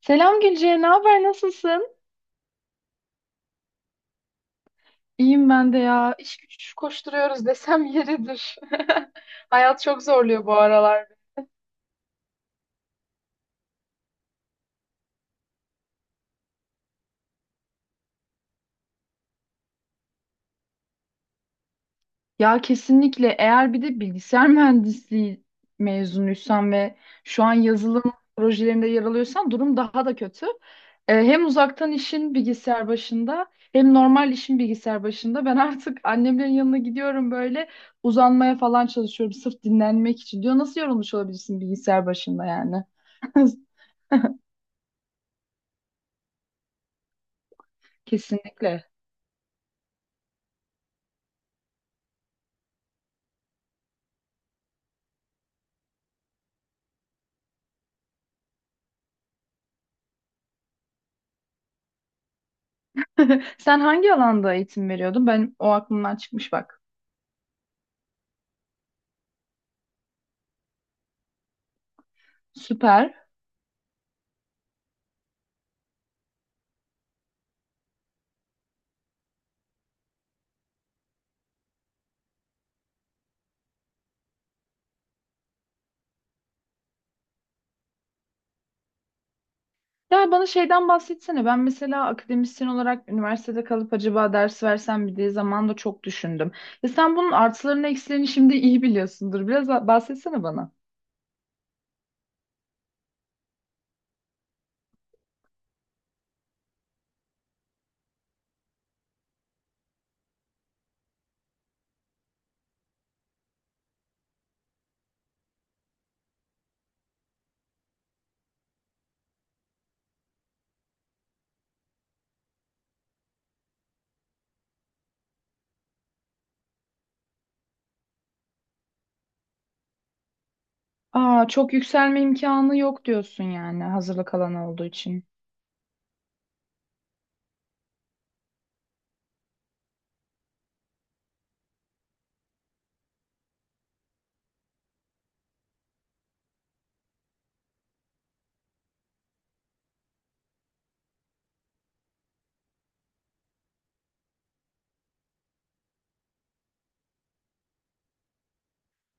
Selam Gülce, ne haber, nasılsın? İyiyim ben de ya. İş güç koşturuyoruz desem yeridir. Hayat çok zorluyor bu aralar. Ya kesinlikle eğer bir de bilgisayar mühendisliği mezunuysan ve şu an yazılım projelerinde yer alıyorsan durum daha da kötü. Hem uzaktan işin bilgisayar başında hem normal işin bilgisayar başında. Ben artık annemlerin yanına gidiyorum böyle uzanmaya falan çalışıyorum sırf dinlenmek için. Diyor nasıl yorulmuş olabilirsin bilgisayar başında yani? Kesinlikle. Sen hangi alanda eğitim veriyordun? Ben o aklımdan çıkmış bak. Süper. Ya bana şeyden bahsetsene. Ben mesela akademisyen olarak üniversitede kalıp acaba ders versem mi diye zamanda çok düşündüm. Ya sen bunun artılarını eksilerini şimdi iyi biliyorsundur. Biraz bahsetsene bana. Aa, çok yükselme imkanı yok diyorsun yani hazırlık alanı olduğu için.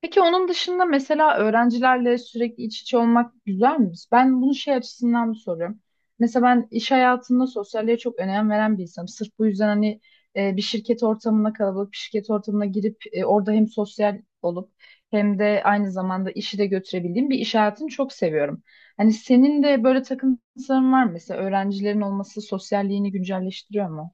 Peki onun dışında mesela öğrencilerle sürekli iç içe olmak güzel mi? Ben bunu şey açısından soruyorum. Mesela ben iş hayatında sosyalliğe çok önem veren bir insanım. Sırf bu yüzden hani bir şirket ortamına kalabalık bir şirket ortamına girip orada hem sosyal olup hem de aynı zamanda işi de götürebildiğim bir iş hayatını çok seviyorum. Hani senin de böyle takıntıların var mı? Mesela öğrencilerin olması sosyalliğini güncelleştiriyor mu?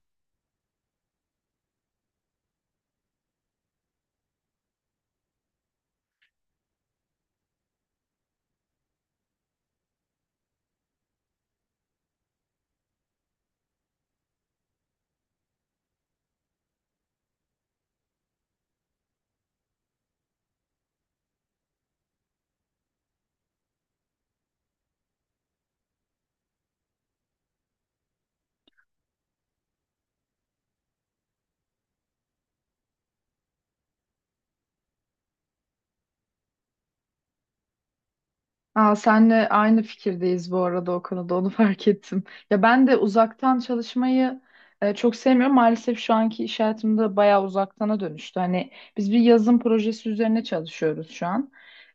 Aa, senle aynı fikirdeyiz bu arada o konuda onu fark ettim. Ya ben de uzaktan çalışmayı çok sevmiyorum. Maalesef şu anki iş hayatımda bayağı uzaktana dönüştü. Hani biz bir yazım projesi üzerine çalışıyoruz şu an.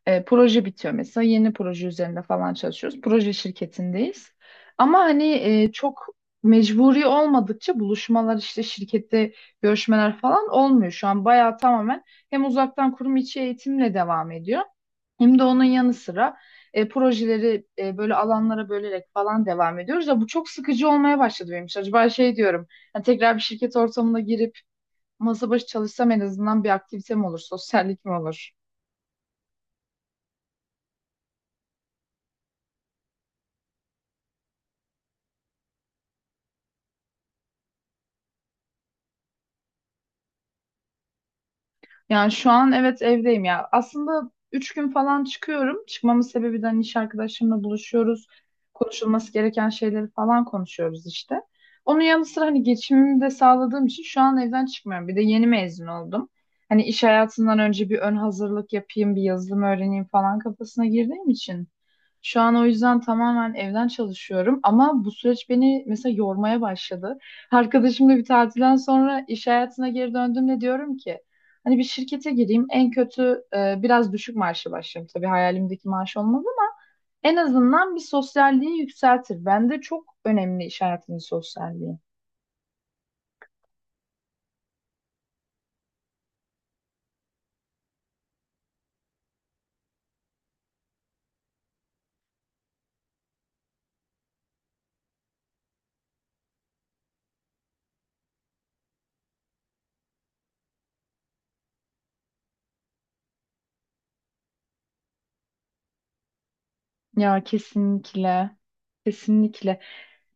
Proje bitiyor mesela yeni proje üzerinde falan çalışıyoruz. Proje şirketindeyiz. Ama hani çok mecburi olmadıkça buluşmalar işte şirkette görüşmeler falan olmuyor. Şu an bayağı tamamen hem uzaktan kurum içi eğitimle devam ediyor. Hem de onun yanı sıra projeleri böyle alanlara bölerek falan devam ediyoruz. Ya bu çok sıkıcı olmaya başladı benim için. Acaba şey diyorum, hani tekrar bir şirket ortamına girip masa başı çalışsam en azından bir aktivitem olur, sosyallik mi olur? Yani şu an evet evdeyim ya. Aslında üç gün falan çıkıyorum. Çıkmamın sebebi de hani iş arkadaşımla buluşuyoruz. Konuşulması gereken şeyleri falan konuşuyoruz işte. Onun yanı sıra hani geçimimi de sağladığım için şu an evden çıkmıyorum. Bir de yeni mezun oldum. Hani iş hayatından önce bir ön hazırlık yapayım, bir yazılım öğreneyim falan kafasına girdiğim için. Şu an o yüzden tamamen evden çalışıyorum ama bu süreç beni mesela yormaya başladı. Arkadaşımla bir tatilden sonra iş hayatına geri döndüğümde diyorum ki hani bir şirkete gireyim en kötü biraz düşük maaşla başlarım. Tabii hayalimdeki maaş olmaz ama en azından bir sosyalliği yükseltir. Bende çok önemli iş hayatının sosyalliği. Ya kesinlikle. Kesinlikle.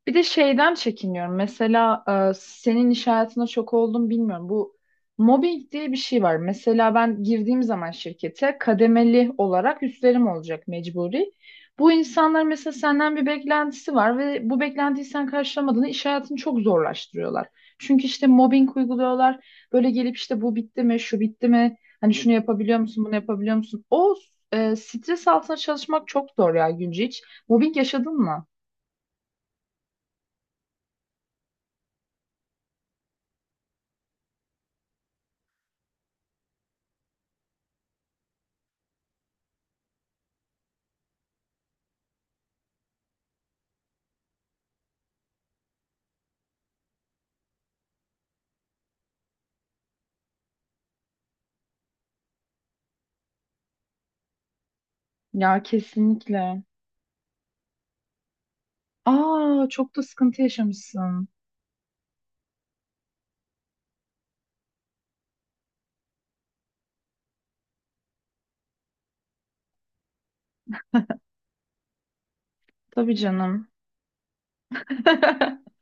Bir de şeyden çekiniyorum. Mesela senin iş hayatına çok oldum bilmiyorum. Bu mobbing diye bir şey var. Mesela ben girdiğim zaman şirkete kademeli olarak üstlerim olacak mecburi. Bu insanlar mesela senden bir beklentisi var ve bu beklentiyi sen karşılamadığında iş hayatını çok zorlaştırıyorlar. Çünkü işte mobbing uyguluyorlar. Böyle gelip işte bu bitti mi, şu bitti mi? Hani şunu yapabiliyor musun, bunu yapabiliyor musun? O stres altında çalışmak çok zor ya Gülce hiç. Mobbing yaşadın mı? Ya kesinlikle. Aa, çok da sıkıntı yaşamışsın. Tabii canım.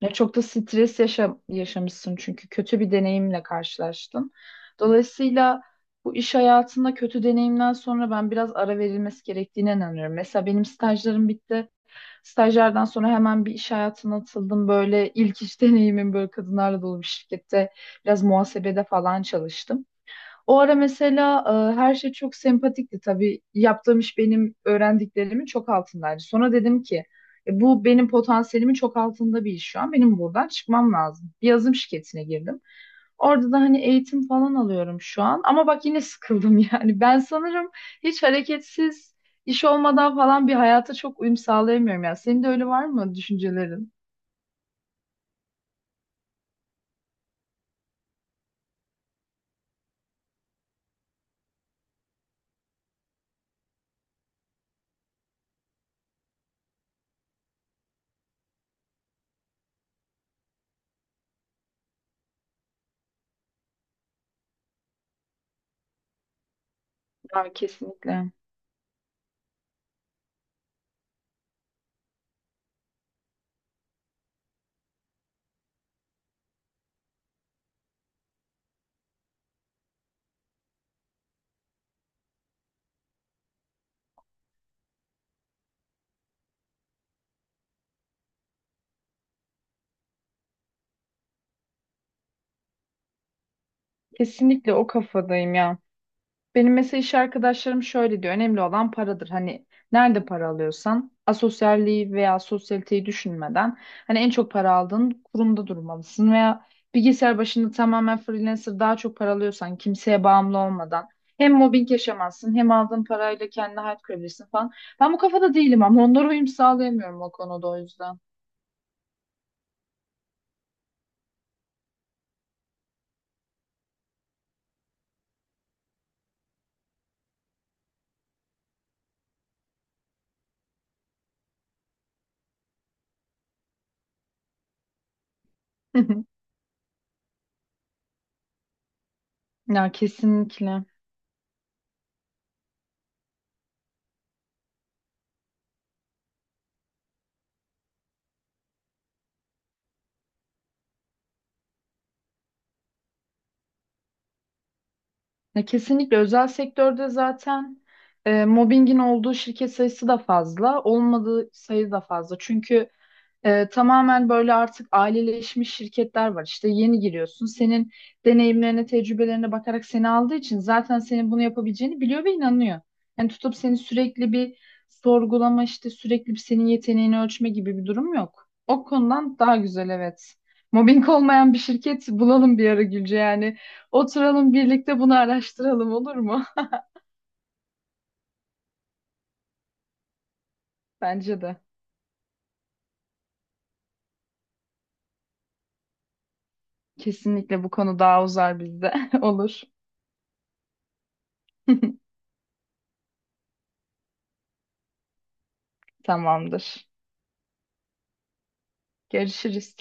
Ya çok da stres yaşa yaşamışsın çünkü kötü bir deneyimle karşılaştın. Dolayısıyla bu iş hayatında kötü deneyimden sonra ben biraz ara verilmesi gerektiğine inanıyorum. Mesela benim stajlarım bitti. Stajlardan sonra hemen bir iş hayatına atıldım. Böyle ilk iş deneyimim böyle kadınlarla dolu bir şirkette biraz muhasebede falan çalıştım. O ara mesela her şey çok sempatikti tabii. Yaptığım iş benim öğrendiklerimin çok altındaydı. Sonra dedim ki "E, bu benim potansiyelimin çok altında bir iş şu an. Benim buradan çıkmam lazım. Bir yazılım şirketine girdim. Orada da hani eğitim falan alıyorum şu an. Ama bak yine sıkıldım yani. Ben sanırım hiç hareketsiz iş olmadan falan bir hayata çok uyum sağlayamıyorum ya. Senin de öyle var mı düşüncelerin? Ya kesinlikle. Kesinlikle o kafadayım ya. Benim mesela iş arkadaşlarım şöyle diyor. Önemli olan paradır. Hani nerede para alıyorsan asosyalliği veya sosyaliteyi düşünmeden hani en çok para aldığın kurumda durmalısın veya bilgisayar başında tamamen freelancer daha çok para alıyorsan kimseye bağımlı olmadan hem mobbing yaşamazsın hem aldığın parayla kendine hayat kurabilirsin falan. Ben bu kafada değilim ama onlara uyum sağlayamıyorum o konuda o yüzden. Ya kesinlikle. Ya kesinlikle özel sektörde zaten mobbingin olduğu şirket sayısı da fazla, olmadığı sayı da fazla. Çünkü tamamen böyle artık aileleşmiş şirketler var. İşte yeni giriyorsun. Senin deneyimlerine, tecrübelerine bakarak seni aldığı için zaten senin bunu yapabileceğini biliyor ve inanıyor. Yani tutup seni sürekli bir sorgulama, işte sürekli bir senin yeteneğini ölçme gibi bir durum yok. O konudan daha güzel, evet. Mobbing olmayan bir şirket bulalım bir ara Gülce yani. Oturalım birlikte bunu araştıralım, olur mu? Bence de. Kesinlikle bu konu daha uzar bizde. Olur. Tamamdır. Görüşürüz.